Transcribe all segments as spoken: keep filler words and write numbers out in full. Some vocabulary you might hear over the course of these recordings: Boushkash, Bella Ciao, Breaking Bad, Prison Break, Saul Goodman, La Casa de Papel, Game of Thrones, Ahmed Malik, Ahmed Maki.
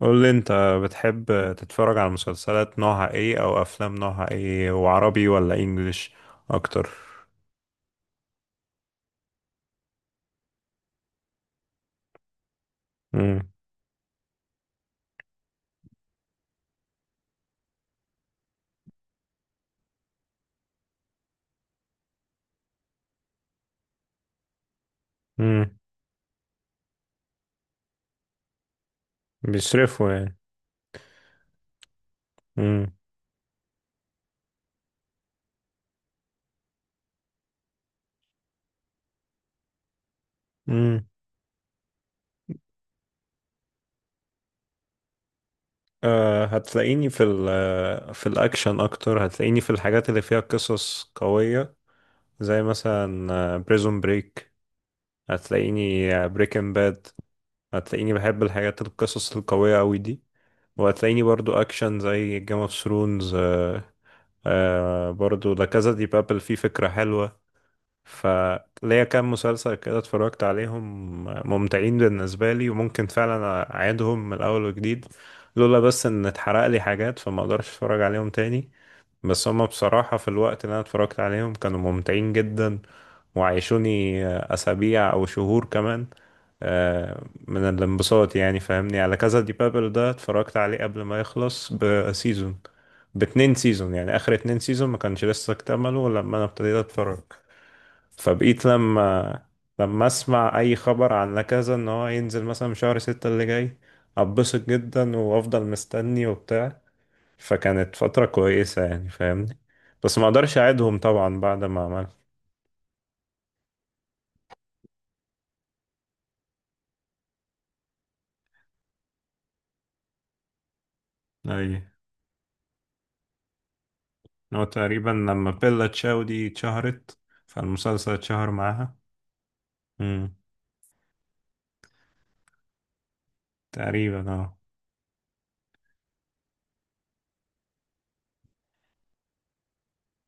قول لي انت بتحب تتفرج على مسلسلات نوعها ايه او افلام نوعها ايه وعربي ولا انجليش اكتر. امم امم بيصرفوا يعني. امم امم أه هتلاقيني في ال في الاكشن اكتر، هتلاقيني في الحاجات اللي فيها قصص قوية، زي مثلا بريزون بريك، هتلاقيني بريكن باد، هتلاقيني بحب الحاجات القصص القوية قوي دي، وهتلاقيني برضو اكشن زي جيم اوف ثرونز. آه، برضو لا كازا دي بابل فيه فكرة حلوة. فليا كام مسلسل كده اتفرجت عليهم، ممتعين بالنسبة لي وممكن فعلا أعيدهم من الأول وجديد، لولا بس إن اتحرق لي حاجات، فما أقدرش أتفرج عليهم تاني. بس هما بصراحة في الوقت اللي أنا اتفرجت عليهم كانوا ممتعين جدا، وعيشوني أسابيع أو شهور كمان آه، من الانبساط، يعني فاهمني. على كذا، دي بابل ده اتفرجت عليه قبل ما يخلص بسيزون، باتنين سيزون، يعني آخر اتنين سيزون ما كانش لسه اكتملوا لما أنا ابتديت أتفرج. فبقيت لما لما أسمع أي خبر عن لكذا، إن هو ينزل مثلا شهر ستة اللي جاي، أتبسط جدا وأفضل مستني وبتاع. فكانت فترة كويسة يعني فاهمني. بس ما اقدرش اعيدهم طبعا بعد ما عمل. اي. هو تقريبا لما بيلا تشاو دي اتشهرت، فالمسلسل اتشهر معاها. امم تقريبا اه.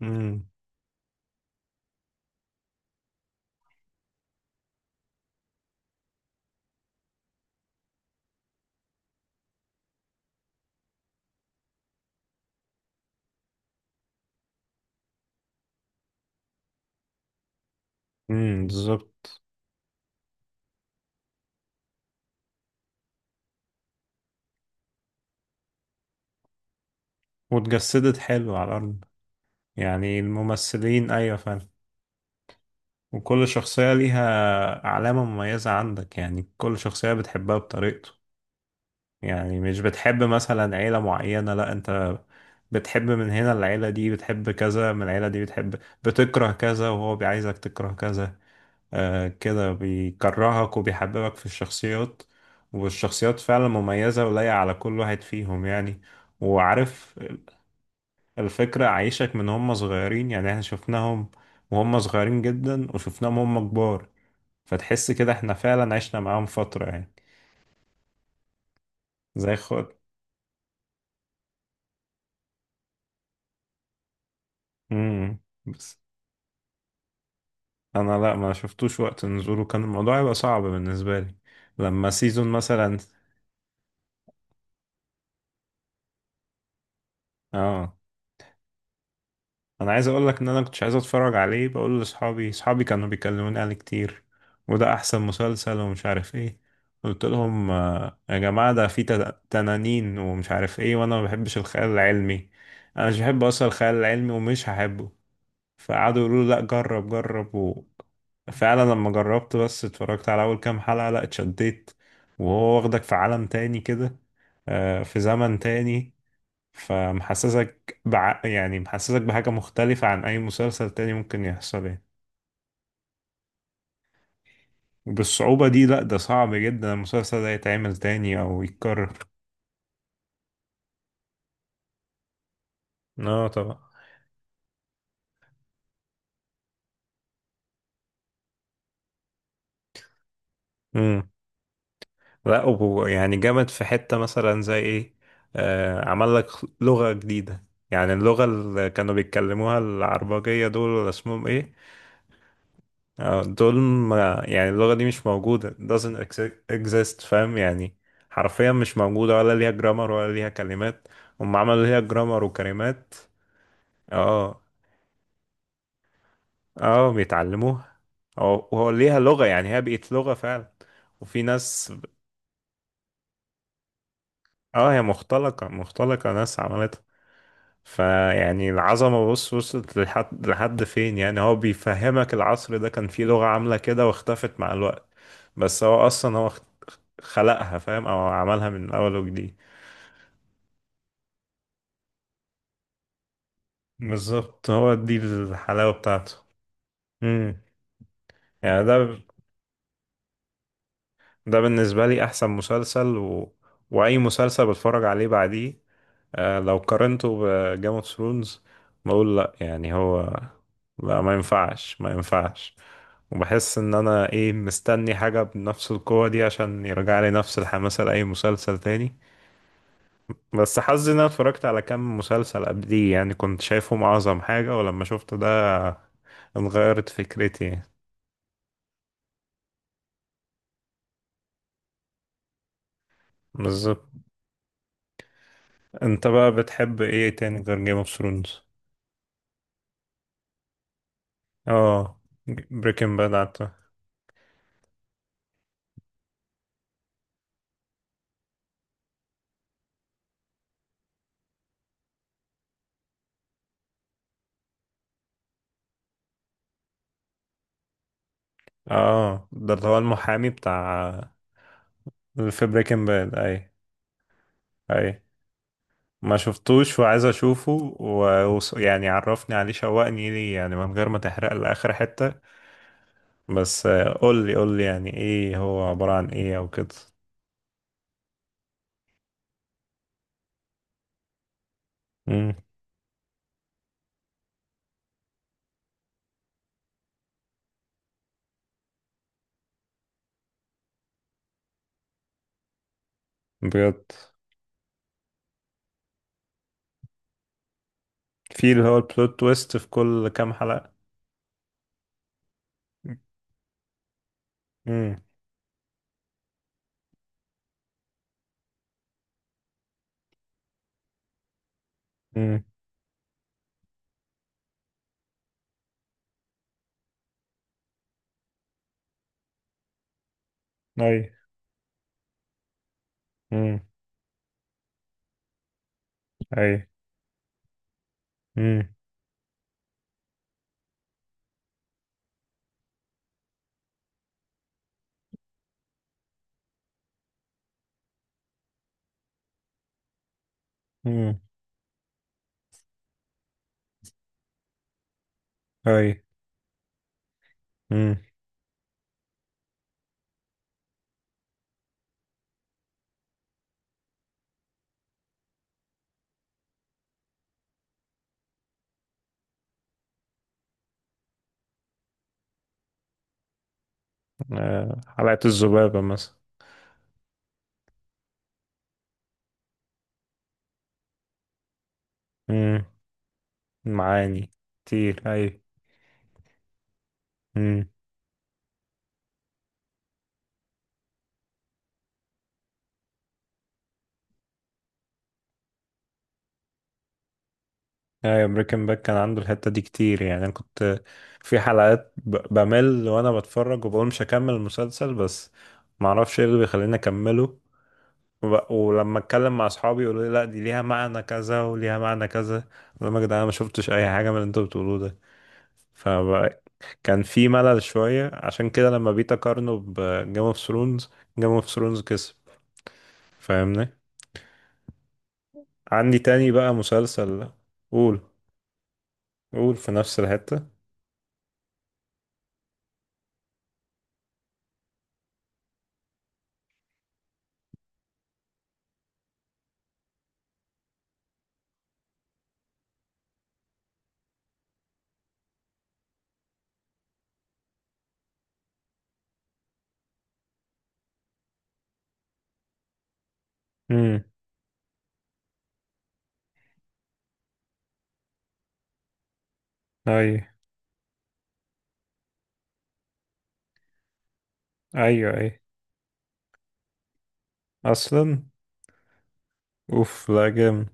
امم امم بالظبط واتجسدت حلو على الارض، يعني الممثلين ايوه فعلا. وكل شخصية ليها علامة مميزة عندك، يعني كل شخصية بتحبها بطريقته، يعني مش بتحب مثلا عيلة معينة، لا، انت بتحب من هنا، العيلة دي بتحب كذا، من العيلة دي بتحب بتكره كذا، وهو بيعايزك تكره كذا. آه، كده بيكرهك وبيحببك في الشخصيات. والشخصيات فعلا مميزة ولايقة على كل واحد فيهم يعني. وعارف الفكرة، عايشك من هم صغيرين، يعني احنا شفناهم وهم صغيرين جدا وشفناهم هم كبار، فتحس كده احنا فعلا عشنا معاهم فترة يعني. زي خد. امم انا لا، ما شفتوش وقت نزوله كان الموضوع هيبقى صعب بالنسبه لي، لما سيزون مثلا. اه، انا عايز اقول لك ان انا كنتش عايز اتفرج عليه، بقول لاصحابي، اصحابي كانوا بيكلموني عليه كتير، وده احسن مسلسل ومش عارف ايه. قلت لهم آه، يا جماعه ده فيه تن- تنانين ومش عارف ايه، وانا ما بحبش الخيال العلمي، انا مش بحب اصلا الخيال العلمي ومش هحبه. فقعدوا يقولوا لي لا جرب جرب و... فعلا لما جربت بس اتفرجت على اول كام حلقة، لا اتشديت. وهو واخدك في عالم تاني كده، آه، في زمن تاني. فمحسسك بع... يعني محسسك بحاجة مختلفة عن اي مسلسل تاني ممكن يحصل يعني. وبالصعوبة دي، لا ده صعب جدا المسلسل ده يتعمل تاني او يتكرر. اه طبعا. مم. لا وهو يعني جامد في حتة مثلا زي ايه، آه، عمل لك لغة جديدة. يعني اللغة اللي كانوا بيتكلموها، العربجية دول ولا اسمهم ايه، آه دول، ما يعني اللغة دي مش موجودة doesn't exi- exist، فاهم يعني. حرفيا مش موجودة، ولا ليها جرامر ولا ليها كلمات، هم عملوا ليها جرامر وكلمات. اه اه، بيتعلموها. أو- وهو ليها لغة، يعني هي بقت لغة فعلا، وفي ناس. اه، هي مختلقة مختلقة، ناس عملتها. فيعني العظمة بص وصلت لحد لحد فين، يعني هو بيفهمك العصر ده كان فيه لغة عاملة كده واختفت مع الوقت. بس هو أصلا هو اخت- خلقها، فاهم، أو عملها من أول وجديد. بالظبط، هو دي الحلاوة بتاعته. امم يعني ده، ده بالنسبة لي أحسن مسلسل و... وأي مسلسل بتفرج عليه بعديه، آه، لو قارنته بجيم اوف ثرونز، بقول لأ، يعني هو لا ما ينفعش ما ينفعش. وبحس ان انا ايه مستني حاجة بنفس القوة دي عشان يرجع لي نفس الحماسة لأي مسلسل تاني. بس حظي ان انا اتفرجت على كام مسلسل قبليه، يعني كنت شايفهم اعظم حاجة، ولما شفت ده اتغيرت فكرتي. بالظبط. انت بقى بتحب ايه تاني غير جيم اوف ثرونز؟ اه، بريكنج باد. اه، ده اللي هو المحامي بتاع، اللي في بريكنج باد، اي اي. ما شفتوش وعايز اشوفه، ويعني عرفني عليه، شوقني ليه يعني من غير ما تحرق لآخر حتة، بس آه، قول لي قول لي يعني ايه، هو عبارة عن ايه او كده. امم بجد؟ في اللي هو البلوت تويست في كل كام حلقة. امم امم اي. امم اي. امم امم اي. امم آه، حلقة الذبابة مثلا. امم معاني كتير. اي. ايوه، بريكن باك كان عنده الحتة دي كتير، يعني انا كنت في حلقات ب- بمل وانا بتفرج، وبقول مش هكمل المسلسل، بس معرفش ايه اللي بيخليني اكمله. وب- ولما اتكلم مع اصحابي يقولوا لي لا دي ليها معنى كذا وليها معنى كذا، اقول لهم يا جدعان أنا ما شفتش اي حاجة من اللي انتوا بتقولوه ده. فكان في ملل شوية، عشان كده لما بقيت اقارنه بجيم اوف ثرونز، جيم اوف ثرونز كسب. فاهمني. عندي تاني بقى مسلسل. قول. قول في نفس الحتة. امم اي. ايوه. اي. اصلا، اوف، لا جامد.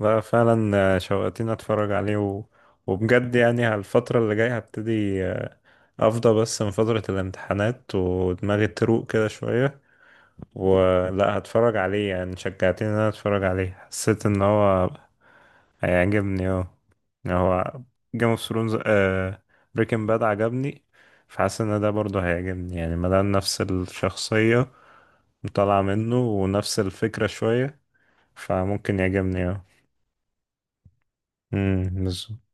لا فعلا، آه، شوقتني اتفرج عليه و... وبجد يعني على الفترة اللي جاية هبتدي آه، افضى بس من فترة الامتحانات ودماغي تروق كده شوية، ولا هتفرج عليه. يعني شجعتني ان انا اتفرج عليه، حسيت ان هو هيعجبني اه. يعني هو جيم اوف ثرونز، بريكنج باد عجبني، فحاسس ان ده برضه هيعجبني، يعني مادام نفس الشخصية طالعة منه ونفس الفكرة شوية، فممكن يعجبني اه. امم